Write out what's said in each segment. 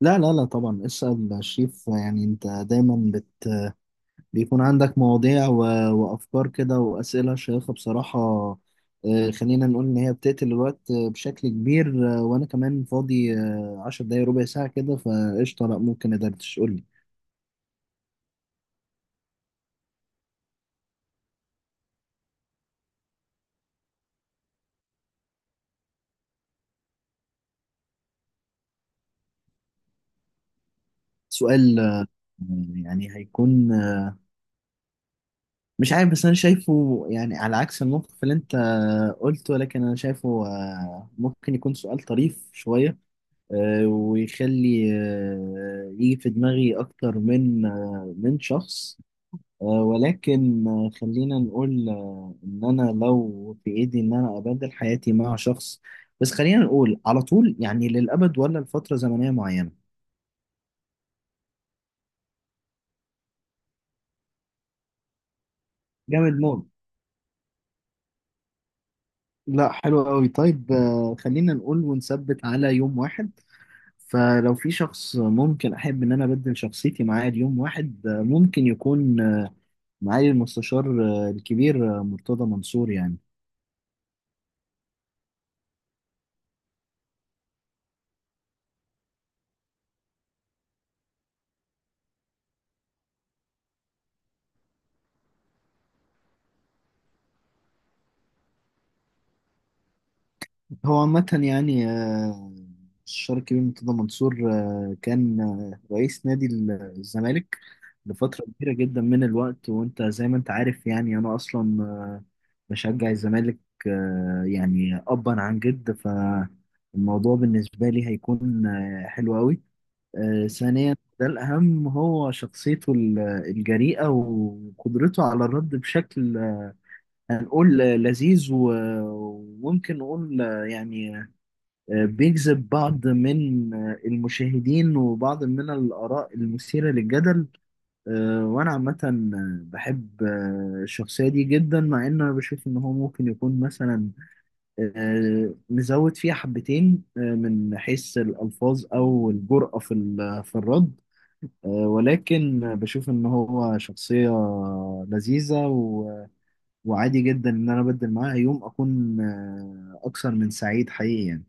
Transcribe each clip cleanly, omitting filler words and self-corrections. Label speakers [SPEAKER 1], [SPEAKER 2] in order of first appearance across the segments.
[SPEAKER 1] لا لا لا طبعا اسأل شريف. يعني انت دايما بيكون عندك مواضيع وافكار كده واسئلة شيقة بصراحة. خلينا نقول ان هي بتقتل الوقت بشكل كبير، وانا كمان فاضي عشر دقايق ربع ساعة كده فقشطة، لا ممكن ادردش، قول لي سؤال. يعني هيكون مش عارف، بس انا شايفه يعني على عكس الموقف اللي انت قلته، لكن انا شايفه ممكن يكون سؤال طريف شوية ويخلي يجي في دماغي أكتر من من شخص. ولكن خلينا نقول إن أنا لو في إيدي إن أنا أبدل حياتي مع شخص، بس خلينا نقول على طول يعني للأبد ولا لفترة زمنية معينة. جامد موت. لا حلو قوي. طيب خلينا نقول ونثبت على يوم واحد. فلو في شخص ممكن أحب إن أنا أبدل شخصيتي معاه ليوم واحد، ممكن يكون معالي المستشار الكبير مرتضى منصور يعني. هو عامة يعني الشارك الكبير مرتضى منصور كان رئيس نادي الزمالك لفترة كبيرة جدا من الوقت، وانت زي ما انت عارف يعني انا اصلا بشجع الزمالك. يعني ابا عن جد فالموضوع بالنسبة لي هيكون حلو قوي. ثانيا ده الأهم، هو شخصيته الجريئة وقدرته على الرد بشكل هنقول لذيذ وممكن نقول يعني بيجذب بعض من المشاهدين وبعض من الآراء المثيرة للجدل. وأنا عامة بحب الشخصية دي جدا، مع إن أنا بشوف إن هو ممكن يكون مثلا مزود فيها حبتين من حيث الألفاظ أو الجرأة في في الرد، ولكن بشوف إن هو شخصية لذيذة وعادي جدا إن أنا أبدل معاها يوم. أكون أكثر من سعيد حقيقي يعني.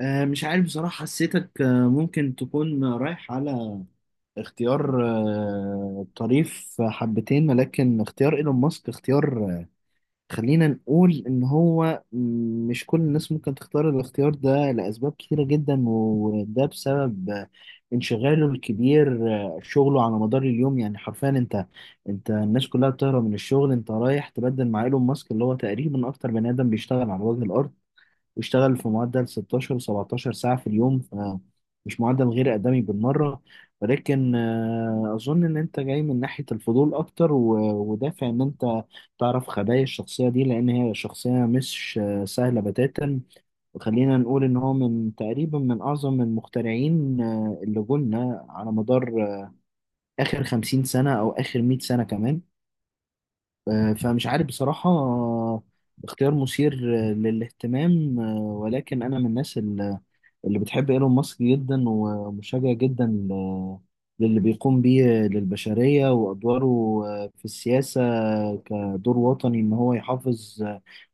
[SPEAKER 1] مش عارف بصراحة، حسيتك ممكن تكون رايح على اختيار طريف حبتين، ولكن اختيار ايلون ماسك اختيار خلينا نقول ان هو مش كل الناس ممكن تختار الاختيار ده لأسباب كتيرة جدا، وده بسبب انشغاله الكبير شغله على مدار اليوم. يعني حرفيا انت الناس كلها بتهرب من الشغل، انت رايح تبدل مع ايلون ماسك اللي هو تقريبا اكتر بني ادم بيشتغل على وجه الارض، واشتغل في معدل 16 17 ساعة في اليوم، فمش معدل غير آدمي بالمرة. ولكن أظن إن أنت جاي من ناحية الفضول أكتر ودافع إن أنت تعرف خبايا الشخصية دي، لأن هي شخصية مش سهلة بتاتا. وخلينا نقول إن هو من تقريبا من أعظم المخترعين اللي قلنا على مدار آخر 50 سنة أو آخر 100 سنة كمان. فمش عارف بصراحة، اختيار مثير للاهتمام، ولكن أنا من الناس اللي بتحب ايلون ماسك جدا، ومشجع جدا للي بيقوم بيه للبشرية وأدواره في السياسة كدور وطني، إن هو يحافظ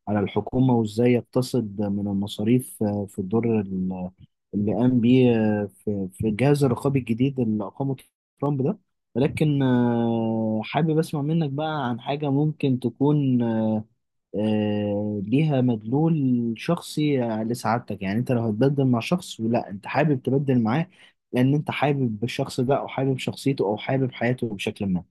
[SPEAKER 1] على الحكومة وإزاي يقتصد من المصاريف في الدور اللي قام بيه في الجهاز الرقابي الجديد اللي أقامه ترامب ده. ولكن حابب أسمع منك بقى عن حاجة ممكن تكون ليها مدلول شخصي لسعادتك. يعني انت لو هتبدل مع شخص، ولا انت حابب تبدل معاه لان انت حابب الشخص ده، او حابب شخصيته، او حابب حياته بشكل ما؟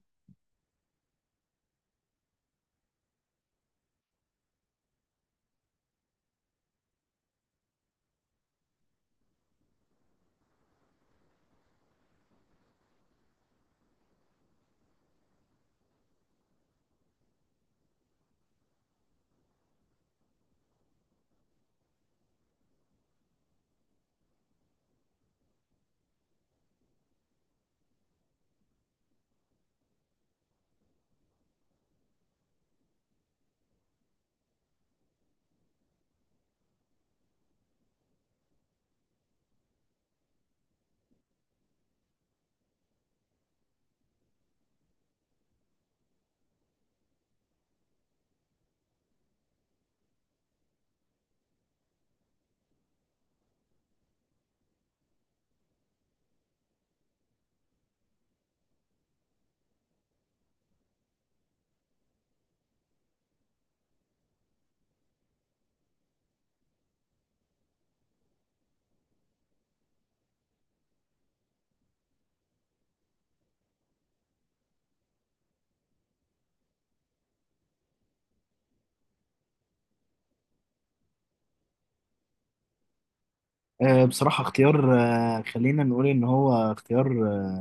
[SPEAKER 1] بصراحة اختيار خلينا نقول ان هو اختيار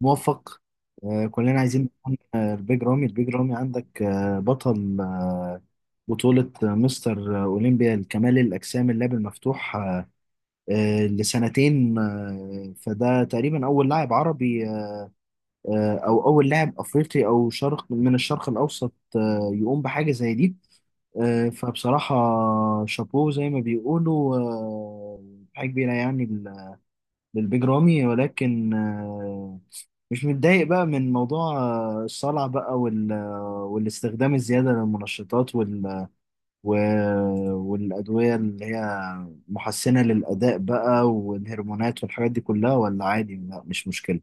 [SPEAKER 1] موفق. كلنا عايزين نكون، البيج رامي. البيج رامي عندك بطل بطولة مستر أولمبيا لكمال الأجسام اللعب المفتوح لسنتين، فده تقريبا أول لاعب عربي او اول لاعب افريقي او شرق من الشرق الاوسط يقوم بحاجه زي دي. فبصراحه شابوه زي ما بيقولوا. حاجه كبيره يعني للبيج رامي. ولكن مش متضايق بقى من موضوع الصلع بقى وال والاستخدام الزياده للمنشطات وال والادويه اللي هي محسنه للاداء بقى والهرمونات والحاجات دي كلها، ولا عادي لا مش مشكله؟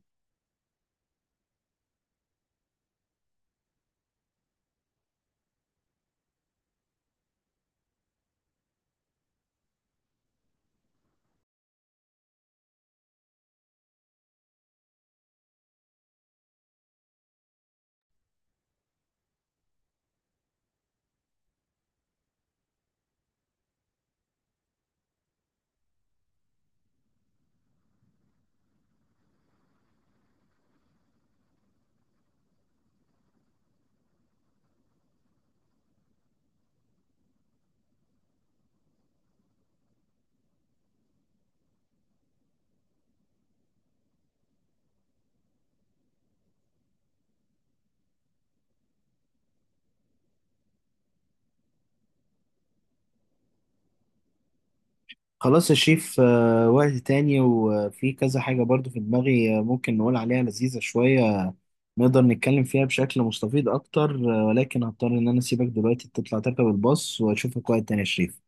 [SPEAKER 1] خلاص يا شيف وقت تاني، وفي كذا حاجة برضو في دماغي ممكن نقول عليها لذيذة شوية نقدر نتكلم فيها بشكل مستفيض أكتر. ولكن هضطر إن أنا أسيبك دلوقتي تطلع تركب الباص، وأشوفك وقت تاني يا شريف.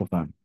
[SPEAKER 1] اتفقنا.